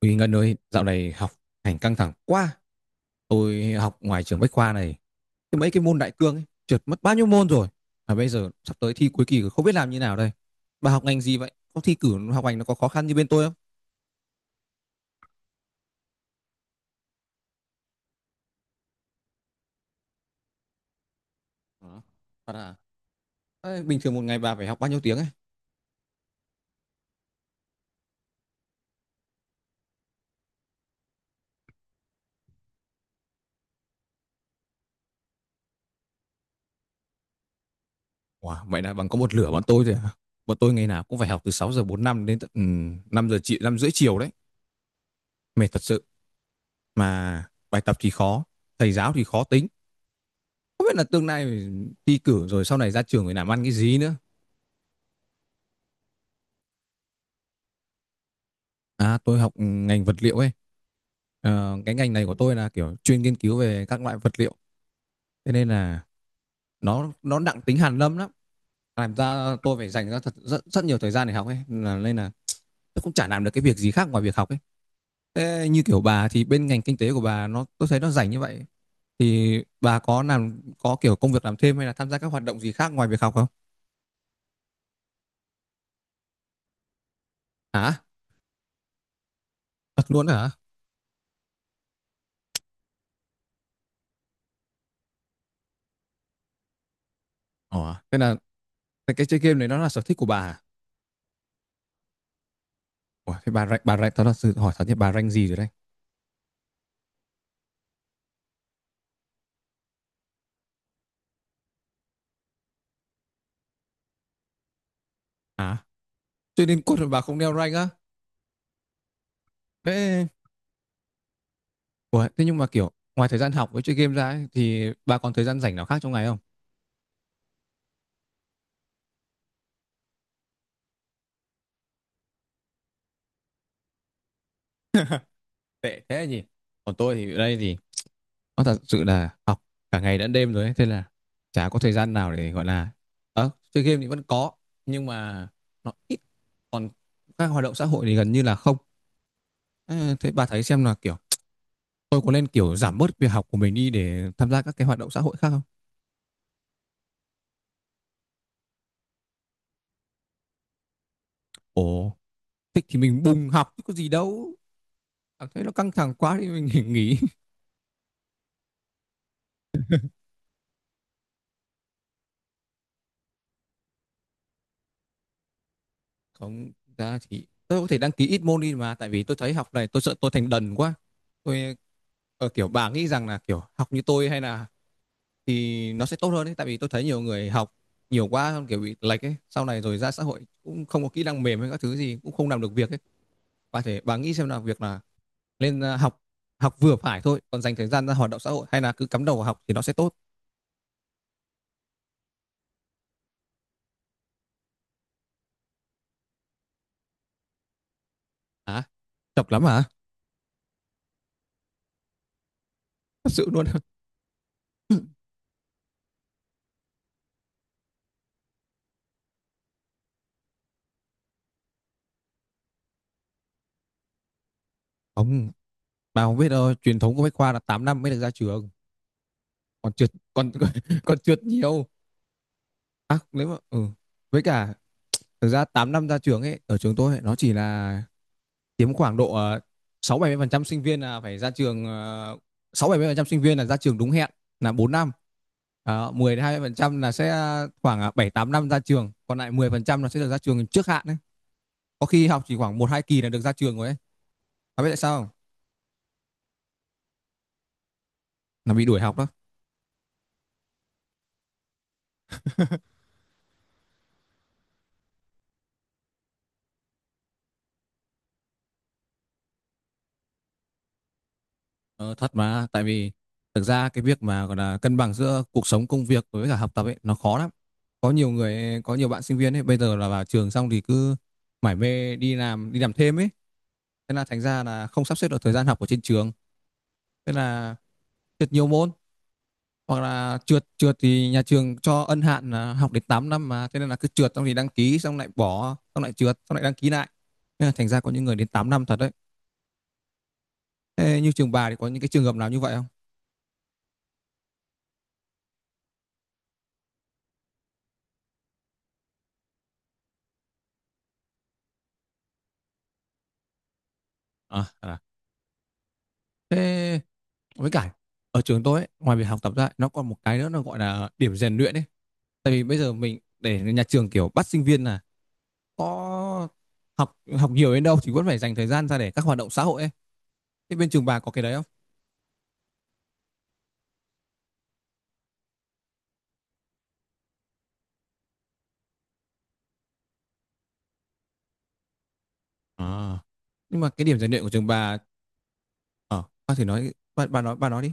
Uy Ngân ơi, dạo này học hành căng thẳng quá. Tôi học ngoài trường Bách Khoa này, cái mấy cái môn đại cương ấy, trượt mất bao nhiêu môn rồi. Mà bây giờ sắp tới thi cuối kỳ rồi, không biết làm như nào đây. Bà học ngành gì vậy? Có thi cử học hành nó có khó khăn như bên tôi không? Hả? Thật à? Ê, bình thường một ngày bà phải học bao nhiêu tiếng ấy? Wow, vậy là bằng có một lửa bọn tôi rồi à? Bọn tôi ngày nào cũng phải học từ 6 giờ 45 đến tận 5 giờ 5 rưỡi chiều đấy. Mệt thật sự. Mà bài tập thì khó, thầy giáo thì khó tính. Không biết là tương lai thi cử rồi sau này ra trường phải làm ăn cái gì nữa. À, tôi học ngành vật liệu ấy. Cái ngành này của tôi là kiểu chuyên nghiên cứu về các loại vật liệu. Thế nên là nó nặng tính hàn lâm lắm. Làm ra tôi phải dành ra thật rất, rất nhiều thời gian để học ấy. Là, nên là tôi cũng chả làm được cái việc gì khác ngoài việc học ấy. Thế như kiểu bà thì bên ngành kinh tế của bà nó tôi thấy nó rảnh như vậy thì bà có làm có kiểu công việc làm thêm hay là tham gia các hoạt động gì khác ngoài việc học không? Hả? Thật luôn hả? Ồ, thế là cái chơi game này nó là sở thích của bà à? Ủa, thế bà rank, tao thật sự hỏi thật nhé, bà rank gì rồi đây? À, chơi đến cốt mà bà không đeo rank á. Thế, ủa, thế nhưng mà kiểu, ngoài thời gian học với chơi game ra ấy, thì bà còn thời gian rảnh nào khác trong ngày không? Tệ thế gì. Còn tôi thì ở đây thì nó thật sự là học cả ngày lẫn đêm rồi ấy, thế là chả có thời gian nào để gọi là chơi game thì vẫn có, nhưng mà nó ít, còn các hoạt động xã hội thì gần như là không. Ờ, thế bà thấy xem là kiểu, tôi có nên kiểu giảm bớt việc học của mình đi để tham gia các cái hoạt động xã hội khác không? Ồ, thích thì mình bùng học chứ có gì đâu, cảm thấy nó căng thẳng quá thì mình nghỉ. Không ra thì tôi có thể đăng ký ít môn đi mà tại vì tôi thấy học này tôi sợ tôi thành đần quá. tôi kiểu bà nghĩ rằng là kiểu học như tôi hay là thì nó sẽ tốt hơn ấy tại vì tôi thấy nhiều người học nhiều quá kiểu bị lệch ấy sau này rồi ra xã hội cũng không có kỹ năng mềm hay các thứ gì cũng không làm được việc ấy. Bà thể bà nghĩ xem là việc là nên học học vừa phải thôi còn dành thời gian ra hoạt động xã hội hay là cứ cắm đầu vào học thì nó sẽ tốt. Hả? Chọc lắm hả? Thật sự luôn. Không, bà không biết đâu, truyền thống của Bách Khoa là 8 năm mới được ra trường. Còn trượt còn còn trượt nhiều. À, nếu mà ừ. Với cả thực ra 8 năm ra trường ấy, ở trường tôi ấy, nó chỉ là chiếm khoảng độ 60-70% sinh viên là phải ra trường 60-70% sinh viên là ra trường đúng hẹn là 4 năm. Đó, 10 đến 20% là sẽ khoảng 7-8 năm ra trường, còn lại 10% là sẽ được ra trường trước hạn đấy. Có khi học chỉ khoảng 1-2 kỳ là được ra trường rồi ấy. Bà biết tại sao không? Là bị đuổi học đó. Ờ, thật mà tại vì thực ra cái việc mà gọi là cân bằng giữa cuộc sống công việc với cả học tập ấy nó khó lắm, có nhiều người có nhiều bạn sinh viên ấy bây giờ là vào trường xong thì cứ mải mê đi làm thêm ấy, thế là thành ra là không sắp xếp được thời gian học ở trên trường, thế là trượt nhiều môn, hoặc là trượt trượt thì nhà trường cho ân hạn là học đến 8 năm mà thế nên là cứ trượt xong thì đăng ký xong lại bỏ xong lại trượt xong lại đăng ký lại, thế là thành ra có những người đến 8 năm thật đấy. Thế như trường bà thì có những cái trường hợp nào như vậy không? À, à. Thế, với cả ở trường tôi ấy, ngoài việc học tập ra nó còn một cái nữa nó gọi là điểm rèn luyện ấy. Tại vì bây giờ mình để nhà trường kiểu bắt sinh viên là có học học nhiều đến đâu thì vẫn phải dành thời gian ra để các hoạt động xã hội ấy. Thế bên trường bà có cái đấy không? À. Nhưng mà cái điểm rèn luyện của trường bà, ờ bà thử nói bà, bà nói đi.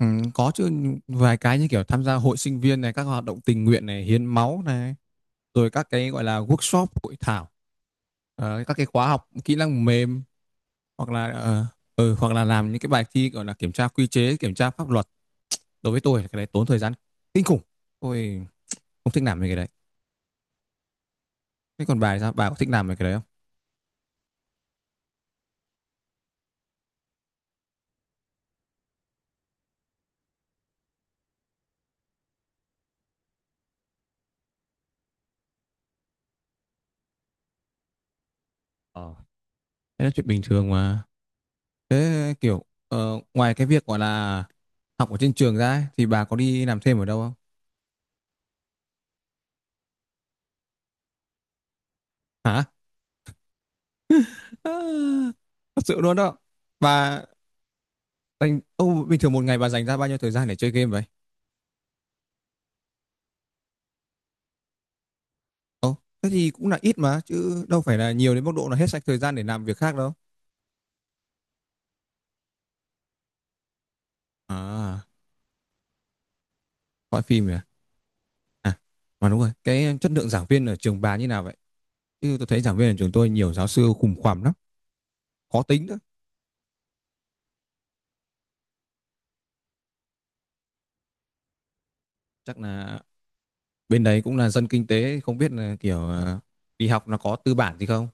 Ừ, có chứ, vài cái như kiểu tham gia hội sinh viên này, các hoạt động tình nguyện này, hiến máu này, rồi các cái gọi là workshop, hội thảo, các cái khóa học kỹ năng mềm, hoặc là ờ, hoặc là làm những cái bài thi gọi là kiểm tra quy chế kiểm tra pháp luật. Đối với tôi là cái đấy tốn thời gian kinh khủng, tôi không thích làm mấy cái đấy. Thế còn bà thì sao, bà có thích làm mấy cái đấy không? Ờ, thế là chuyện bình thường mà. Thế kiểu ngoài cái việc gọi là học ở trên trường ra ấy, thì bà có đi làm thêm ở đâu không? Hả? À, thật sự luôn đó. Bà dành ô bình thường một ngày bà dành ra bao nhiêu thời gian để chơi game vậy? Ồ, thế thì cũng là ít mà chứ đâu phải là nhiều đến mức độ là hết sạch thời gian để làm việc khác đâu. À, coi phim nhỉ. À, mà đúng rồi, cái chất lượng giảng viên ở trường bà như nào vậy? Chứ tôi thấy giảng viên ở trường tôi nhiều giáo sư khủng khoằm lắm, khó tính nữa. Chắc là bên đấy cũng là dân kinh tế, không biết là kiểu đi học nó có tư bản gì không?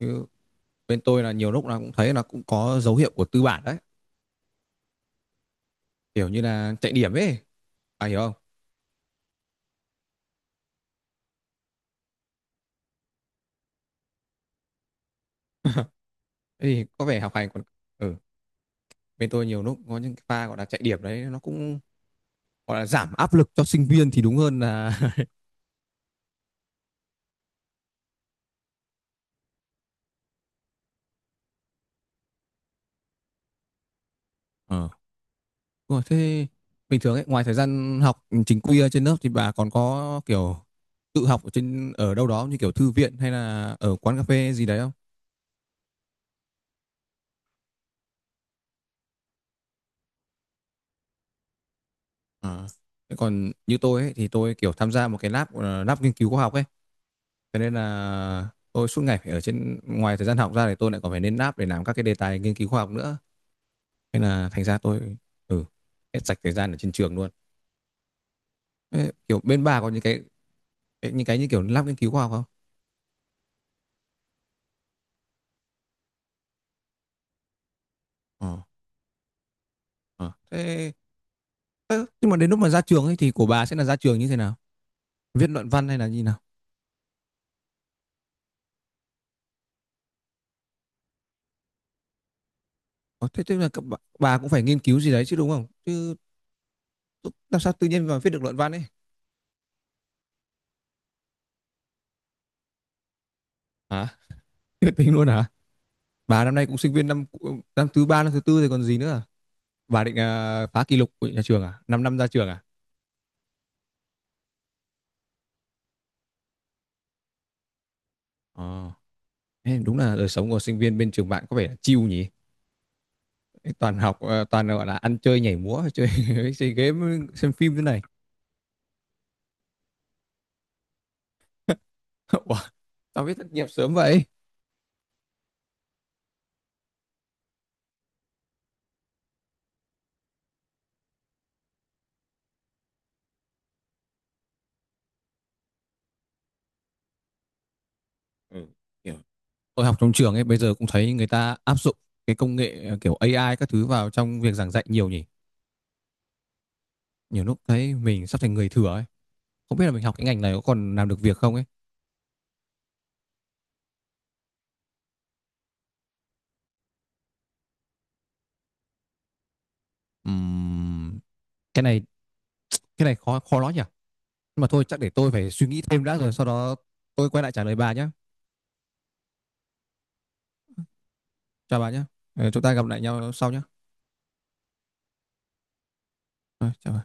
Chứ bên tôi là nhiều lúc là cũng thấy là cũng có dấu hiệu của tư bản đấy, kiểu như là chạy điểm ấy, à hiểu không? Thế thì có vẻ học hành còn ừ, bên tôi nhiều lúc có những cái pha gọi là chạy điểm đấy nó cũng gọi là giảm áp lực cho sinh viên thì đúng hơn là. Ờ. Đúng rồi, thế bình thường ấy, ngoài thời gian học chính quy ở trên lớp thì bà còn có kiểu tự học ở trên ở đâu đó như kiểu thư viện hay là ở quán cà phê gì đấy không? À. Thế còn như tôi ấy, thì tôi kiểu tham gia một cái lab lab nghiên cứu khoa học ấy, cho nên là tôi suốt ngày phải ở trên ngoài thời gian học ra thì tôi lại còn phải lên lab để làm các cái đề tài nghiên cứu khoa học nữa. Nên là thành ra tôi ừ hết sạch thời gian ở trên trường luôn. Thế, kiểu bên bà có những cái như kiểu lab nghiên cứu khoa học không? Ờ. Ờ. Thế, ơ, nhưng mà đến lúc mà ra trường ấy thì của bà sẽ là ra trường như thế nào? Viết luận văn hay là như nào? Ờ, thế tức là các bà cũng phải nghiên cứu gì đấy chứ đúng không? Chứ làm sao tự nhiên mà viết được luận văn ấy? Hả? Tuyệt tình luôn hả? Bà năm nay cũng sinh viên năm năm thứ ba, năm thứ tư rồi còn gì nữa? À? Bà định phá kỷ lục của nhà trường à? 5 năm ra trường à? Ờ. Thế đúng là đời sống của sinh viên bên trường bạn có vẻ là chill nhỉ? Toàn học, toàn gọi là ăn chơi nhảy múa, chơi, chơi game, xem phim thế này. Ủa, tao biết thất nghiệp sớm vậy? Ừ. Hiểu. Tôi học trong trường ấy bây giờ cũng thấy người ta áp dụng cái công nghệ kiểu AI các thứ vào trong việc giảng dạy nhiều nhỉ. Nhiều lúc thấy mình sắp thành người thừa ấy, không biết là mình học cái ngành này có còn làm được việc không ấy. Ừm, cái này cái này khó khó nói nhỉ, nhưng mà thôi chắc để tôi phải suy nghĩ thêm đã rồi sau đó tôi quay lại trả lời bà nhé. Chào bà nhé. Ờ, chúng ta gặp lại nhau sau nhé. Ờ, chào bà.